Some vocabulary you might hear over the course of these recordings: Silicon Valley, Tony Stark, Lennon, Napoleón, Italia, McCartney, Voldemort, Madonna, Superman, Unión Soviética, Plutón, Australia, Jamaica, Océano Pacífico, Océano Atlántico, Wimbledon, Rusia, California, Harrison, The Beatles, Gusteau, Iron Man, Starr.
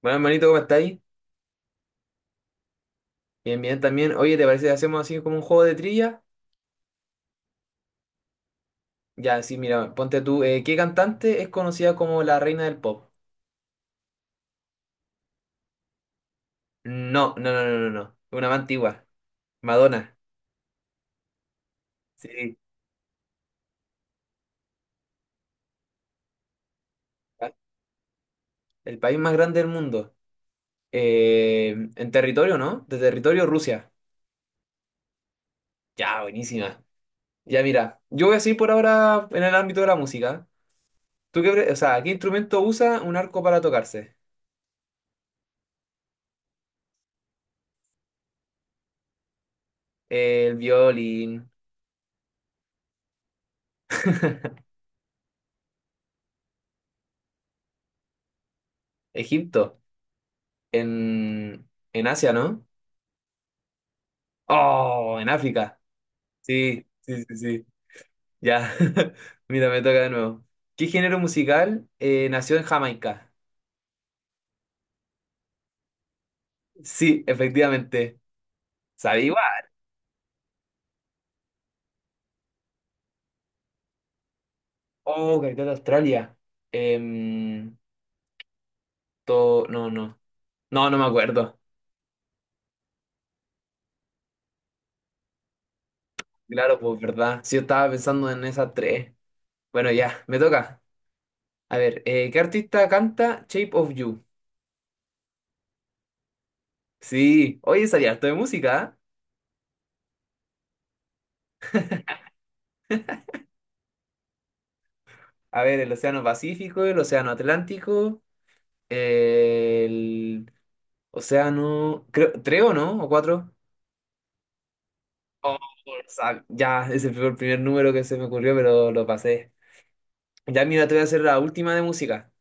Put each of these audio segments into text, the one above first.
Bueno, hermanito, ¿cómo estáis? Bien, bien también. Oye, ¿te parece que hacemos así como un juego de trivia? Ya, sí, mira, ponte tú. ¿Qué cantante es conocida como la reina del pop? No, no, no, no, no, no. Una más antigua. Madonna. Sí. Ah, el país más grande del mundo. En territorio, ¿no? De territorio, Rusia. Ya, buenísima. Ya, mira, yo voy a seguir por ahora en el ámbito de la música. O sea, ¿qué instrumento usa un arco para tocarse? El violín. Egipto. En, en Asia, ¿no? Oh, en África. Sí, sí, sí, sí. Ya. Mira, me toca de nuevo. ¿Qué género musical nació en Jamaica? Sí, efectivamente. ¿Sabía? Oh, capital de Australia. Em, No, no. No, no me acuerdo. Claro, pues verdad. Sí, yo estaba pensando en esas tres. Bueno, ya, me toca. A ver, ¿qué artista canta Shape of You? Sí, oye, sabía harto de música. ¿Eh? A ver, el Océano Pacífico, el Océano Atlántico. El océano, creo, ¿tres o no? ¿O cuatro? Oh, Ya, ese fue el primer número que se me ocurrió, pero lo pasé. Ya, mira, te voy a hacer la última de música.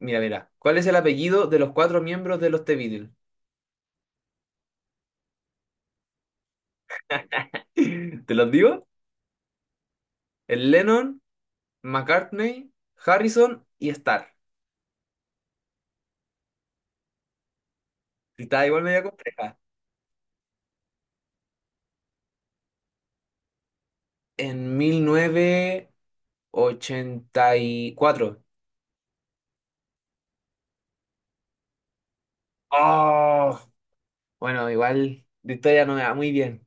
Mira, mira. ¿Cuál es el apellido de los cuatro miembros de los The Beatles? ¿Te los digo? El Lennon, McCartney, Harrison y Starr. Y está igual media compleja. En 1984. Oh, bueno, igual de historia no me va muy bien.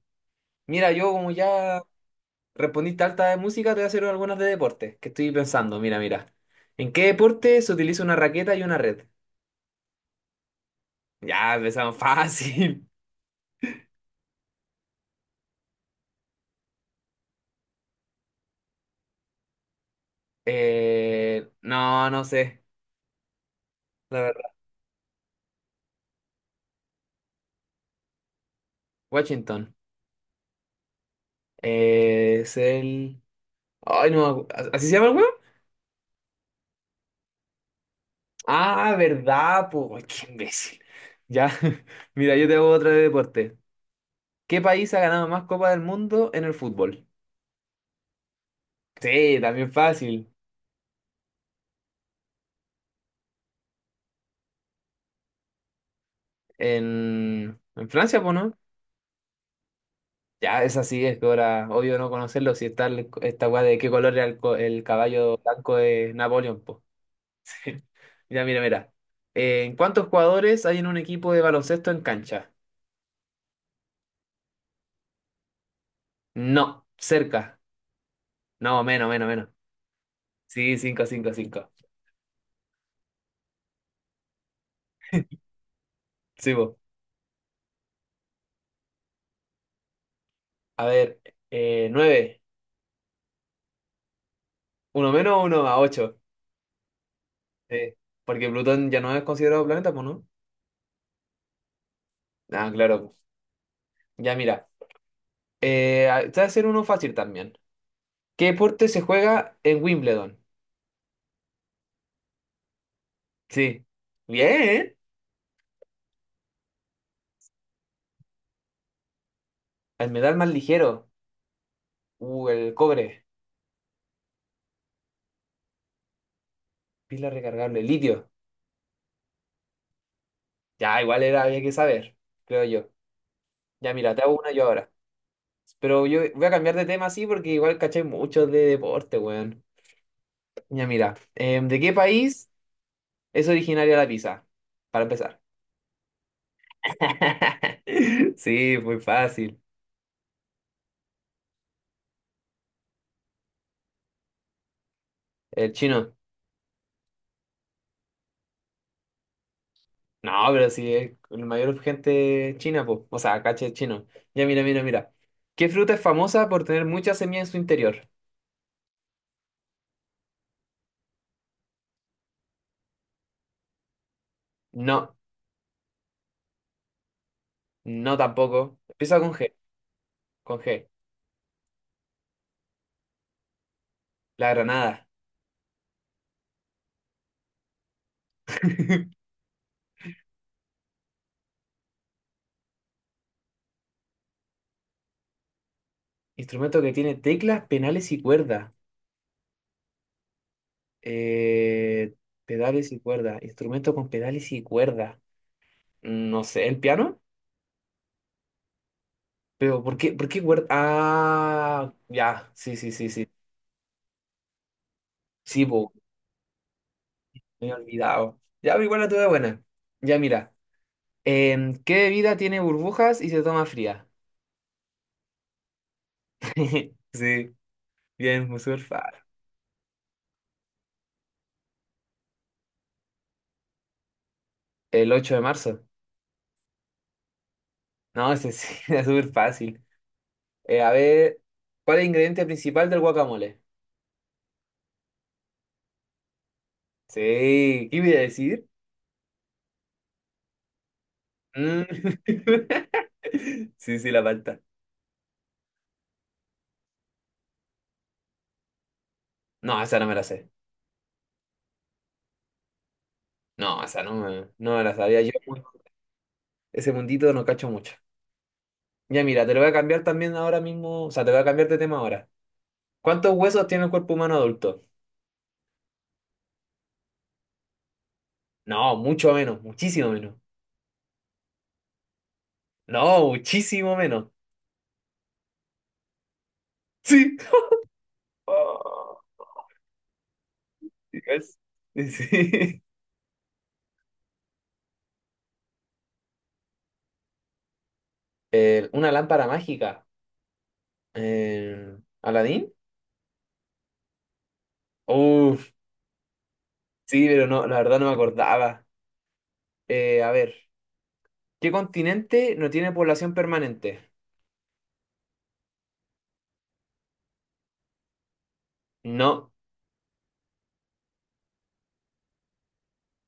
Mira, yo como ya Respondiste alta de música, te voy a hacer algunas de deporte, que estoy pensando, mira, mira. ¿En qué deporte se utiliza una raqueta y una red? Ya, empezamos fácil. No, no sé, la verdad. Washington. Es el... Ay, no, me ¿así se llama el huevo? Ah, verdad, pues, qué imbécil. Ya, mira, yo te hago otra de deporte. ¿Qué país ha ganado más Copa del Mundo en el fútbol? Sí, también fácil. En Francia, pues, ¿no? Ya, esa sí es ahora, obvio no conocerlo, si está el- esta weá de qué color era el, co- el caballo blanco de Napoleón, po. Mira, mira, mira. ¿En cuántos jugadores hay en un equipo de baloncesto en cancha? No, cerca. No, menos, menos, menos. Sí, cinco, cinco, cinco. Sí, po. A ver, 9. Uno menos, uno más, ocho. Sí, porque Plutón ya no es considerado planeta, pues, ¿no? Ah, claro. Po. Ya, mira. Te voy a hacer uno fácil también. ¿Qué deporte se juega en Wimbledon? Sí. Bien. El metal más ligero. El cobre. Pila recargable. Litio. Ya, igual era, había que saber, creo yo. Ya, mira, te hago una yo ahora. Pero yo voy a cambiar de tema así porque igual caché mucho de deporte, weón. Ya, mira. ¿De qué país es originaria la pizza? Para empezar. Sí, muy fácil. El chino. No, pero sí, es la mayor gente es china, pues. O sea, caché es chino. Ya, mira, mira, mira. ¿Qué fruta es famosa por tener mucha semilla en su interior? No. No tampoco. Empieza con G. La granada. Instrumento que tiene teclas, penales y cuerda. Eh, Pedales y cuerda. Instrumento con pedales y cuerda. No sé, ¿el piano? Pero por qué cuerda? Ah, ya. Sí, sí, sí, sí. Sí, po, me he olvidado. Ya, pero igual la tuve buena. Ya, mira. ¿Qué bebida tiene burbujas y se toma fría? Sí, bien, muy súper fácil. El 8 de marzo. No, ese sí, era súper fácil. A ver, ¿cuál es el ingrediente principal del guacamole? Sí, ¿qué iba a decir? Mm. Sí, sí, la palta. No, esa no me la sé. No, esa no me, no me la sabía. Yo ese mundito no cacho mucho. Ya mira, te lo voy a cambiar también ahora mismo. O sea, te voy a cambiar de tema ahora. ¿Cuántos huesos tiene el cuerpo humano adulto? No, mucho menos, muchísimo menos. No, muchísimo menos. Sí. Oh, yes. Sí. Una lámpara mágica. ¿Aladín? Sí, pero no, la verdad no me acordaba. A ver, ¿qué continente no tiene población permanente? No,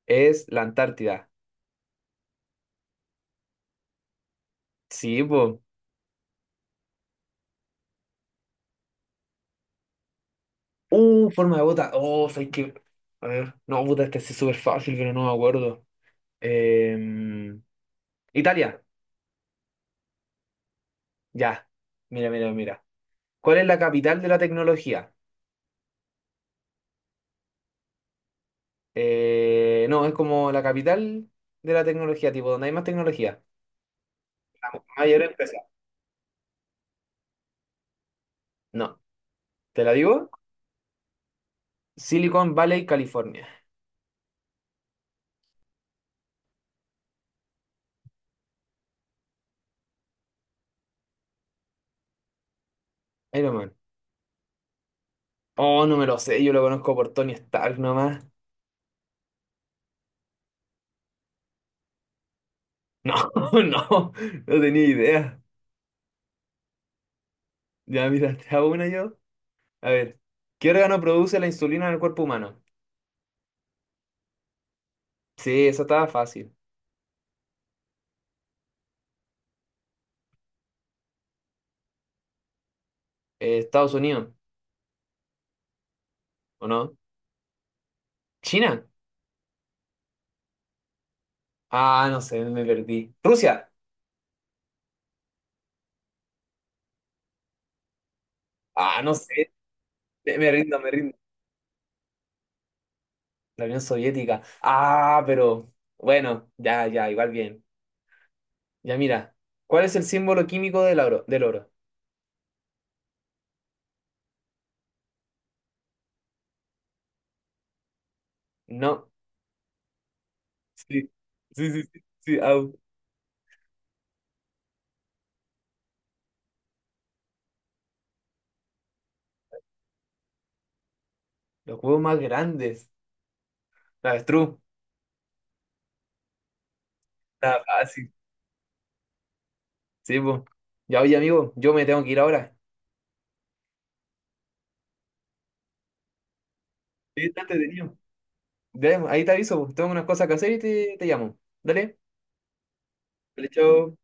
es la Antártida. Sí, pues. Forma de bota. Oh, sabes que. A ver, no, puta, este sí es súper fácil, pero no me acuerdo. Em, Italia, ya. Mira, mira, mira. ¿Cuál es la capital de la tecnología? No, es como la capital de la tecnología, tipo, donde hay más tecnología. La mayor empresa. No, ¿te la digo? Silicon Valley, California. Iron Man. Oh, no me lo sé, yo lo conozco por Tony Stark nomás. No, no, no tenía idea. Ya, mira, te hago una yo. A ver, ¿qué órgano produce la insulina en el cuerpo humano? Sí, esa estaba fácil. Estados Unidos, ¿o no? ¿China? Ah, no sé, me perdí. ¿Rusia? Ah, no sé, me rindo, me rindo. La Unión Soviética. Ah, pero bueno, ya, ya, igual bien. Ya, mira, ¿cuál es el símbolo químico del oro? Del oro. No. Sí, sí, sí, sí, sí, au. Los huevos más grandes. La avestruz. Está fácil. Sí, pues. Ya, oye, amigo, yo me tengo que ir ahora. Sí, está entretenido. Ya, ahí te aviso, pues. Tengo unas cosas que hacer y te llamo. Dale. Vale, chao.